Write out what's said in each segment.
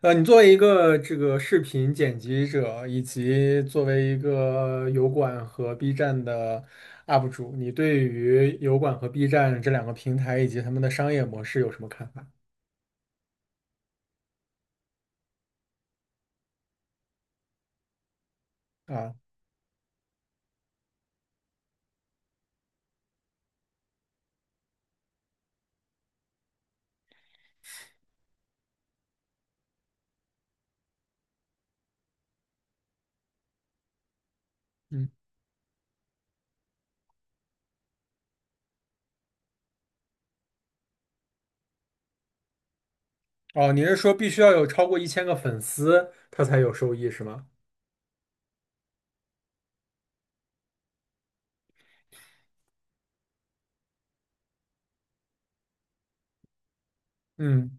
你作为一个这个视频剪辑者，以及作为一个油管和 B 站的 UP 主，你对于油管和 B 站这两个平台以及他们的商业模式有什么看法啊？嗯。哦，你是说必须要有超过1000个粉丝，他才有收益是吗？嗯。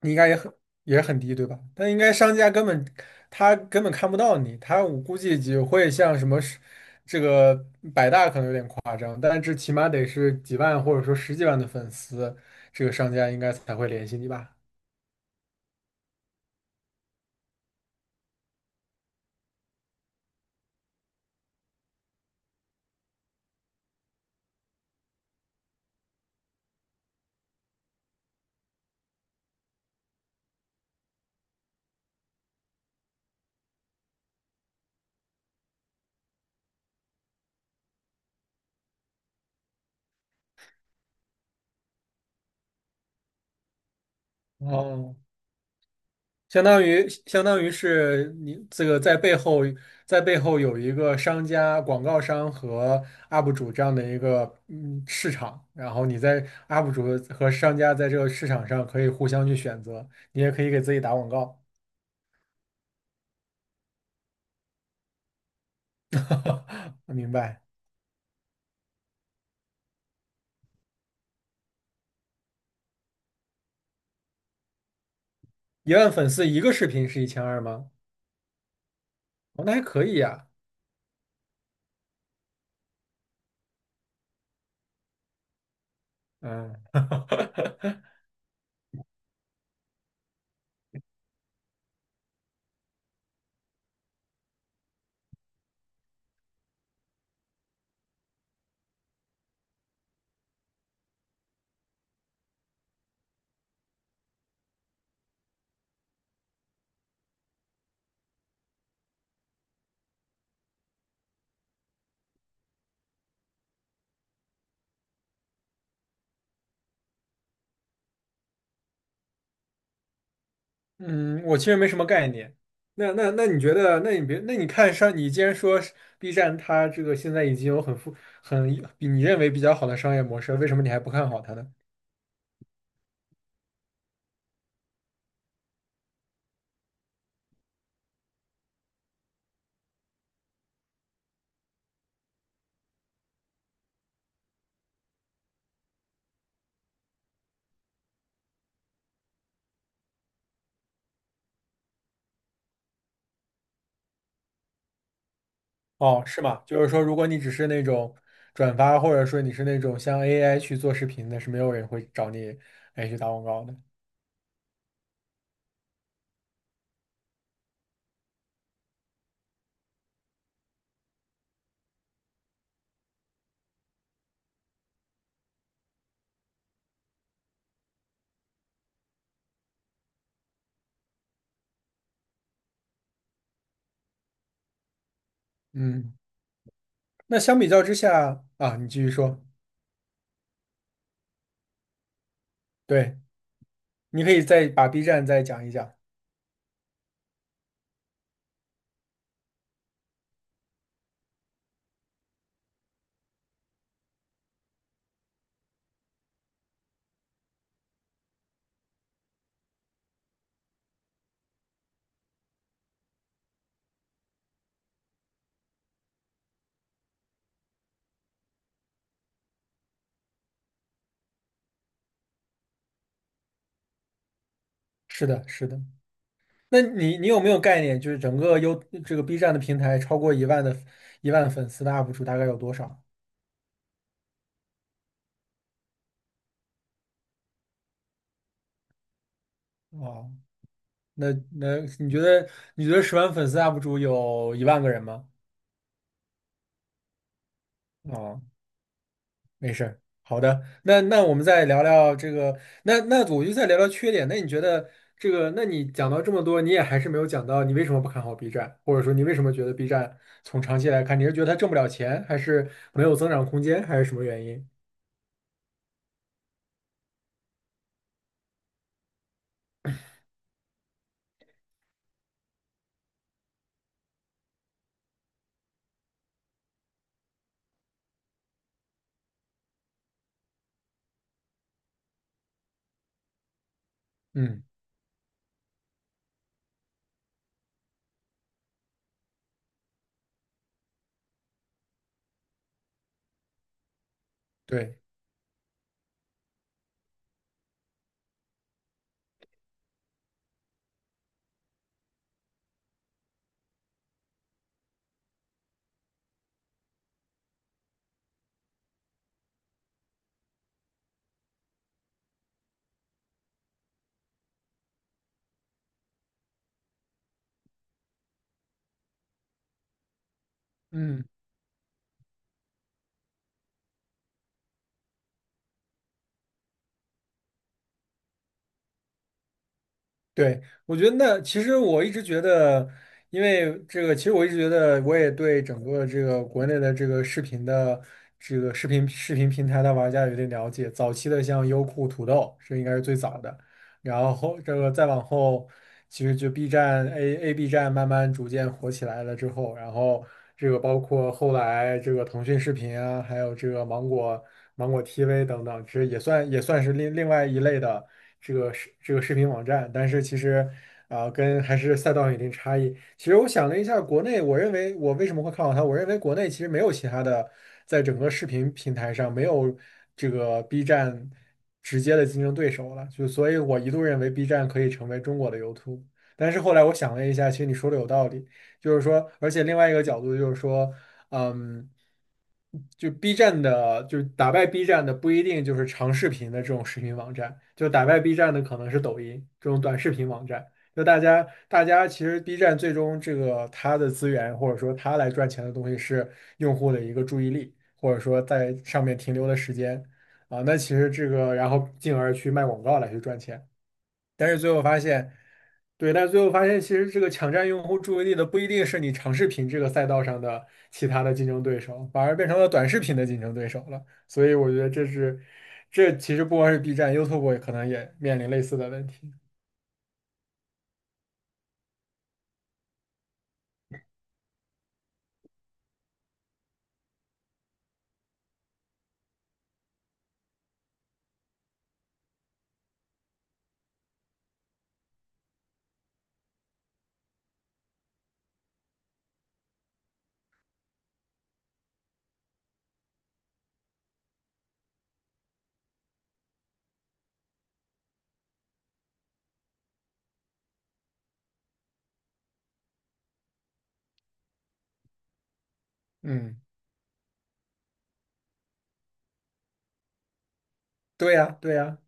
你应该也很低，对吧？但应该商家根本他根本看不到你，他我估计只会像什么是这个百大可能有点夸张，但是起码得是几万或者说十几万的粉丝，这个商家应该才会联系你吧？哦，相当于是你这个在背后有一个商家、广告商和 UP 主这样的一个市场，然后你在 UP 主和商家在这个市场上可以互相去选择，你也可以给自己打广告。明白。1万粉丝一个视频是1200吗？哦，那还可以呀。嗯。嗯，我其实没什么概念。那你觉得？那你别，那你看上，你既然说是 B 站它这个现在已经有很富很比你认为比较好的商业模式，为什么你还不看好它呢？哦，是吗？就是说，如果你只是那种转发，或者说你是那种像 AI 去做视频的，是没有人会找你来去打广告的。嗯，那相比较之下啊，你继续说。对，你可以再把 B 站再讲一讲。是的，是的。那你有没有概念，就是整个这个 B 站的平台超过一万的一万粉丝的 UP 主大概有多少？哦，那你觉得10万粉丝 UP 主有1万个人吗？哦，没事儿，好的，那我们再聊聊这个，那我就再聊聊缺点。那你觉得这个，那你讲到这么多，你也还是没有讲到你为什么不看好 B 站，或者说你为什么觉得 B 站从长期来看，你是觉得它挣不了钱，还是没有增长空间，还是什么原因？嗯。对。嗯。对，我觉得那其实我一直觉得，因为这个，其实我一直觉得，我也对整个这个国内的这个视频的这个视频平台的玩家有点了解。早期的像优酷、土豆，这应该是最早的，然后这个再往后。其实就 B 站 B 站慢慢逐渐火起来了之后，然后这个包括后来这个腾讯视频啊，还有这个芒果 TV 等等，其实也算是另外一类的这个视频网站，但是其实啊，跟还是赛道有一定差异。其实我想了一下，国内我认为我为什么会看好它？我认为国内其实没有其他的，在整个视频平台上没有这个 B 站直接的竞争对手了，就所以我一度认为 B 站可以成为中国的 YouTube。但是后来我想了一下，其实你说的有道理，就是说，而且另外一个角度就是说，嗯，就 B 站的，就是打败 B 站的不一定就是长视频的这种视频网站，就打败 B 站的可能是抖音这种短视频网站。就大家其实 B 站最终这个它的资源或者说它来赚钱的东西是用户的一个注意力，或者说在上面停留的时间啊。那其实这个，然后进而去卖广告来去赚钱。但是最后发现，对，但是最后发现，其实这个抢占用户注意力的不一定是你长视频这个赛道上的其他的竞争对手，反而变成了短视频的竞争对手了。所以我觉得这是，这其实不光是 B 站，YouTube 也可能也面临类似的问题。嗯，对呀，对呀。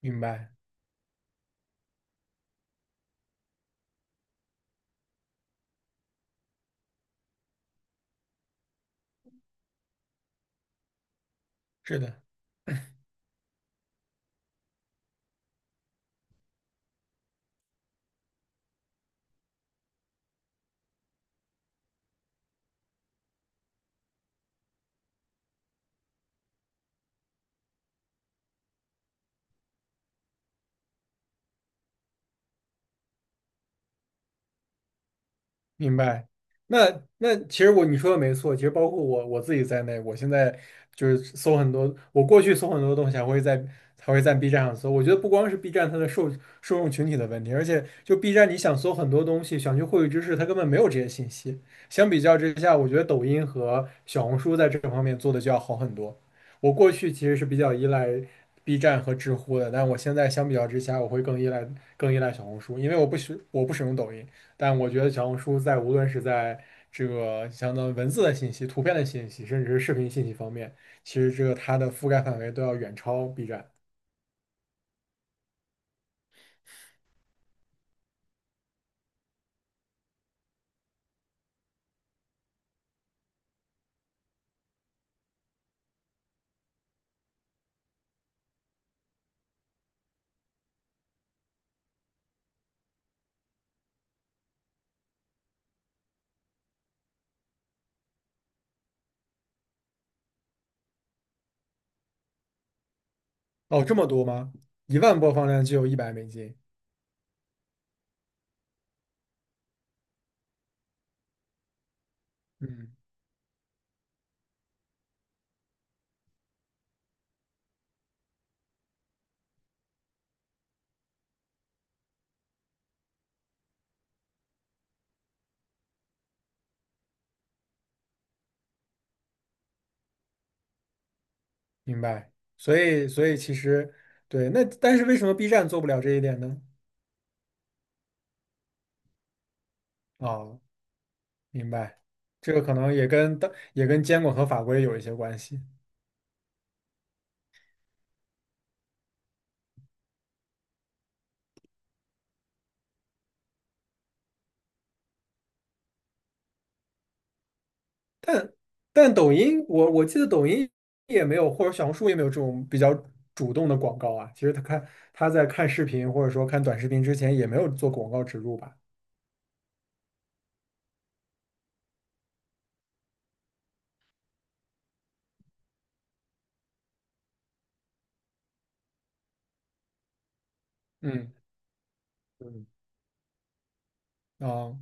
明白。是的。明白。那其实你说的没错，其实包括我自己在内，我现在就是搜很多，我过去搜很多东西还会在 B 站上搜。我觉得不光是 B 站它的受众群体的问题，而且就 B 站你想搜很多东西，想去获取知识，它根本没有这些信息。相比较之下，我觉得抖音和小红书在这方面做的就要好很多。我过去其实是比较依赖 B 站和知乎的，但我现在相比较之下，我会更依赖小红书，因为我不使用抖音。但我觉得小红书在无论是在这个相当于文字的信息、图片的信息，甚至是视频信息方面，其实这个它的覆盖范围都要远超 B 站。哦，这么多吗？1万播放量就有100美金。嗯，明白。所以其实对，那但是为什么 B 站做不了这一点呢？哦，明白，这个可能也跟监管和法规有一些关系。但抖音，我记得抖音也没有，或者小红书也没有这种比较主动的广告啊。其实他在看视频或者说看短视频之前，也没有做广告植入吧？嗯嗯，啊，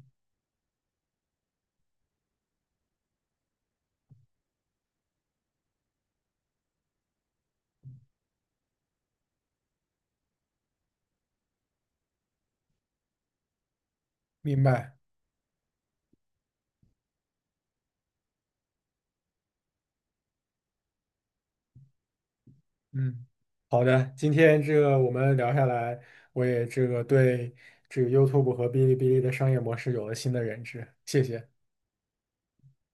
明白。嗯，好的，今天这个我们聊下来，我也这个对这个 YouTube 和哔哩哔哩的商业模式有了新的认知，谢谢。